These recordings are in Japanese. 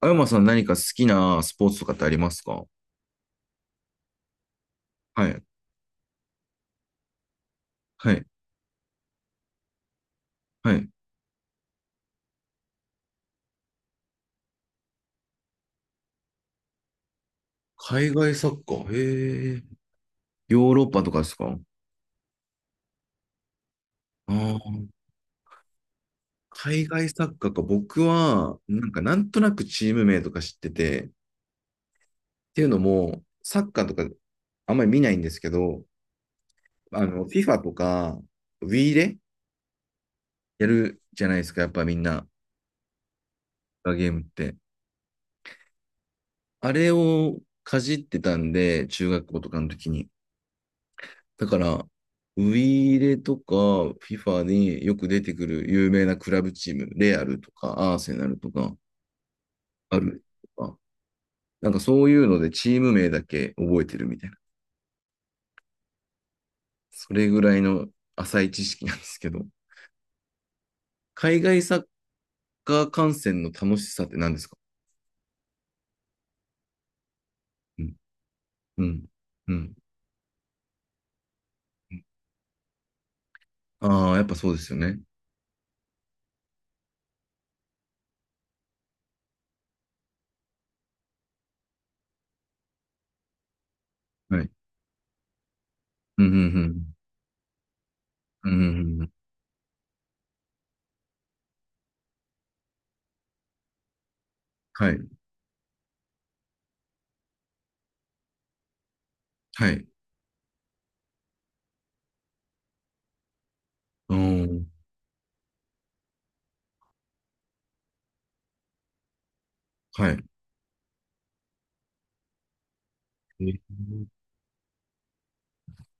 あやまさん、何か好きなスポーツとかってありますか？はい。はい。はい。海外サッカー。へえ。ヨーロッパとかですか？ああー。海外サッカーか。僕は、なんかなんとなくチーム名とか知ってて、っていうのも、サッカーとかあんまり見ないんですけど、FIFA とか、Wii でやるじゃないですか。やっぱみんな、ゲームって。あれをかじってたんで、中学校とかの時に。だから、ウイイレとか FIFA によく出てくる有名なクラブチーム、レアルとかアーセナルとか、アルとか、なんかそういうのでチーム名だけ覚えてるみたいな。それぐらいの浅い知識なんですけど、海外サッカー観戦の楽しさって何ですか？うん。うん。うん。ああ、やっぱそうですよね。はい。うん、うん、うん。うん、うんうんうん。はい。はい。うん。はい。えー、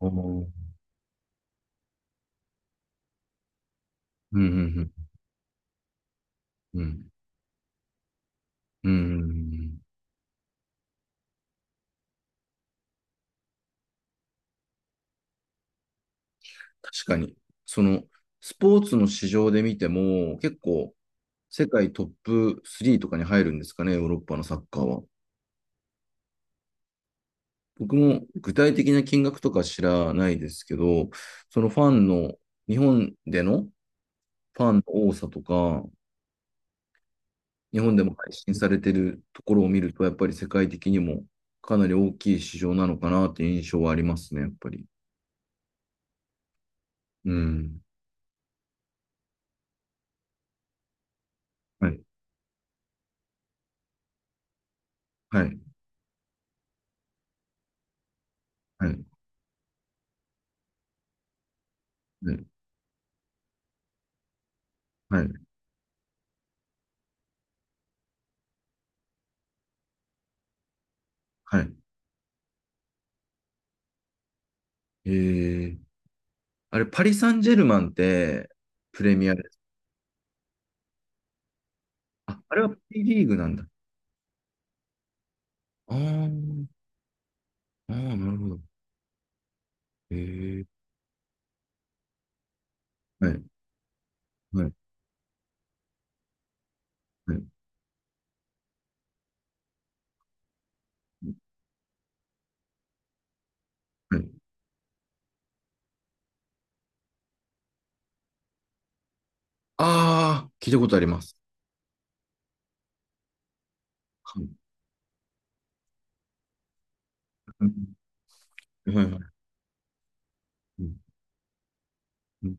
あー、うん、うん、うん。うん、うーん。確かに。その、スポーツの市場で見ても、結構、世界トップ3とかに入るんですかね、ヨーロッパのサッカーは。僕も具体的な金額とか知らないですけど、そのファンの、日本でのファンの多さとか、日本でも配信されてるところを見ると、やっぱり世界的にもかなり大きい市場なのかなっていう印象はありますね、やっぱり。うん。はい。はい。はい。はい。はい。はい。えー、あれ、パリ・サンジェルマンって、プレミアです。あ、あれは P リーグなんだ。あー、あー、なるほど。へえ。はい、はい、はい、はい。ああ、聞いたことあります。はい、うん、はい、はい、うん、うん、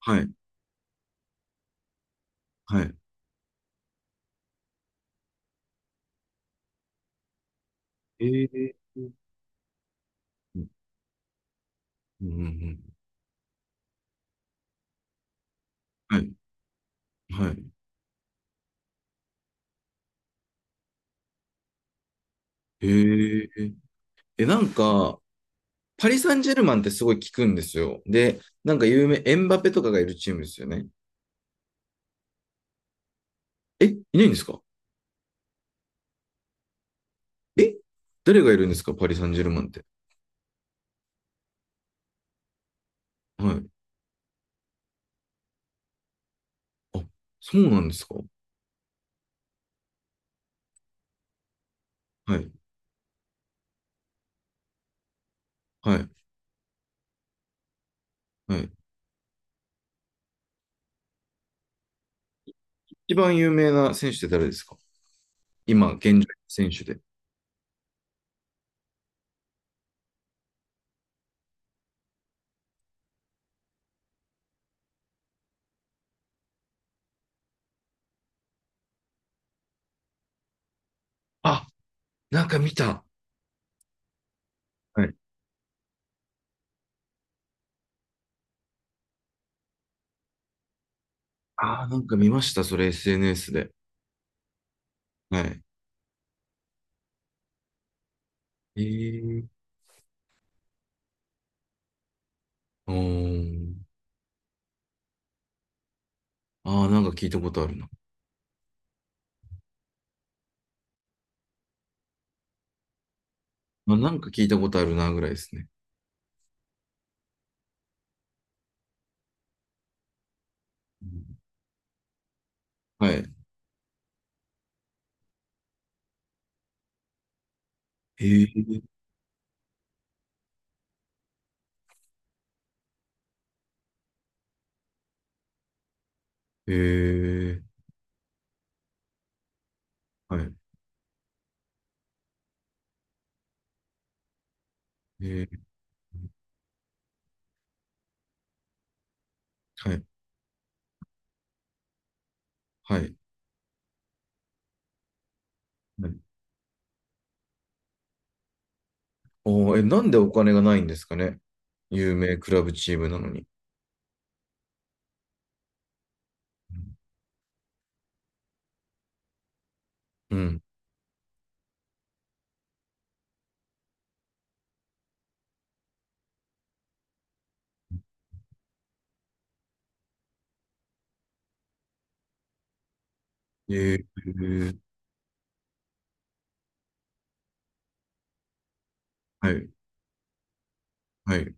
はい、はい。ええ。うん、うん、うん。はい、はい。へえ。え、なんか、パリ・サンジェルマンってすごい聞くんですよ。で、なんか有名、エンバペとかがいるチームですよね。え、いないんですか？え、誰がいるんですか、パリ・サンジェルマンって。はい。あ、そうなんですか。はい。はい。はい。一番有名な選手って誰ですか？今、現状選手で。あ、なんか見た。はい。ああ、なんか見ました。それ SNS で。はい。えー。うーん。ああ、なんか聞いたことあるな。まあ、なんか聞いたことあるな、ぐらいですね。うん。はい。えー。えー。はい。えー。はい。はい。はい。おー、え、なんでお金がないんですかね、有名クラブチームなのに。うん。ええ、はい、はい、はい。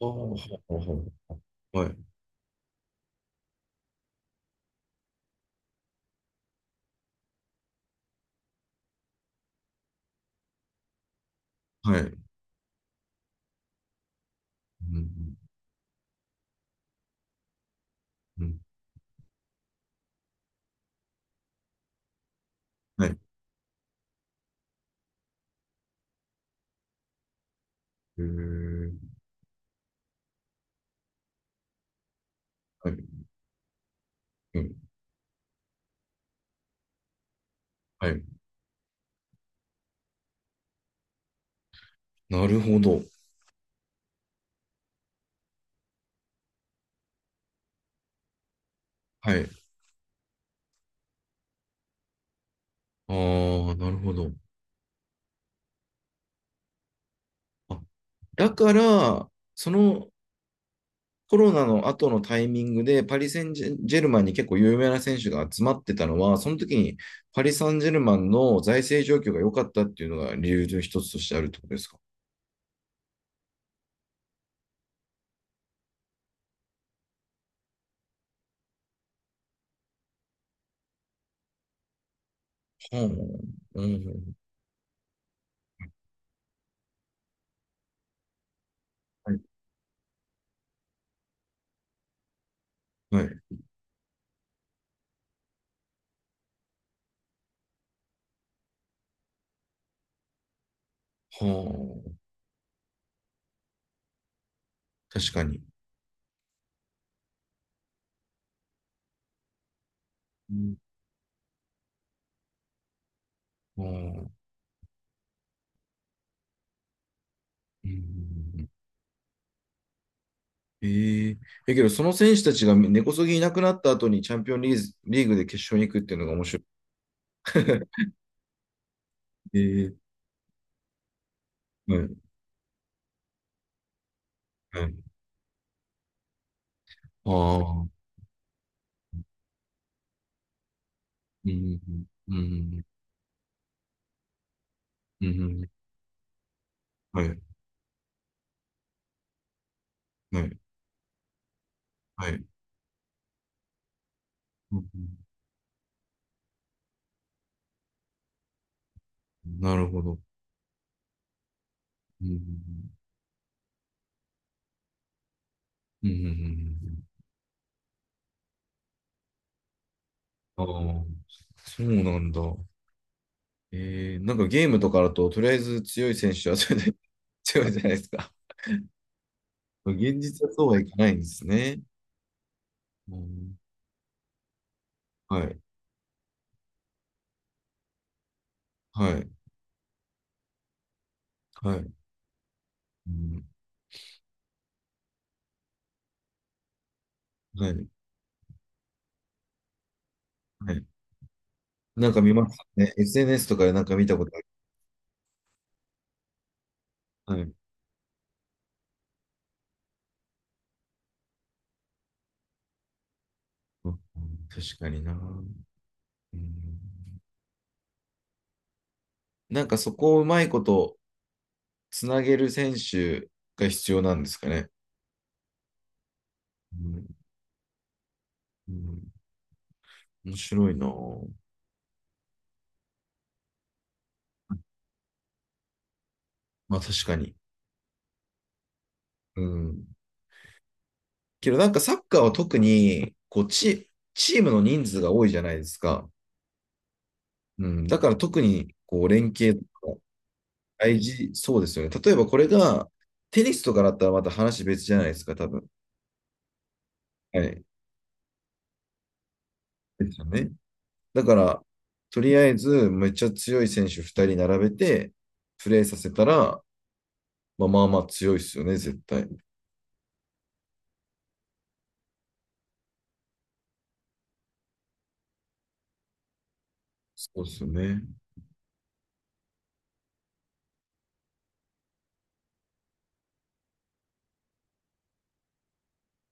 ああ、はあ、はあ、はい、はい。うん、うん、はい。えー、はい、うん、はい。なるほど。はい。ああ、なるほど。あ、だから、そのコロナの後のタイミングで、パリ・センジェジェルマンに結構有名な選手が集まってたのは、その時にパリ・サンジェルマンの財政状況が良かったっていうのが理由の一つとしてあるってことですか。はあ、うん、はい、はい。はあ、確かに。うん。うん、うん。えええ、けど、その選手たちが根こそぎいなくなった後にチャンピオンリーズ、リーグで決勝に行くっていうのが面白い。ええ、はい、はい。ああ、うん、うん、うん、はい、はい、はい。うん、なるほど。うん、うん、うん、ああ、そうなんだ。ええ、なんかゲームとかだと、とりあえず強い選手はそれで 強いじゃないですか。現実はそうはいかないんですね。うん、はい。はい。はい。うん、はい。はい。なんか見ますね。SNS とかでなんか見たことある。はい。うん、確かにな。うん、なんかそこをうまいことつなげる選手が必要なんですかね。うん、うん、面白いな。まあ確かに。うん。けどなんかサッカーは特にこうチ、チームの人数が多いじゃないですか。うん。だから特にこう連携とか大事、そうですよね。例えばこれが、テニスとかだったらまた話別じゃないですか、多分。はい。ですよね。だから、とりあえず、めっちゃ強い選手2人並べて、プレーさせたら、まあまあまあ強いですよね、絶対。そうですよね。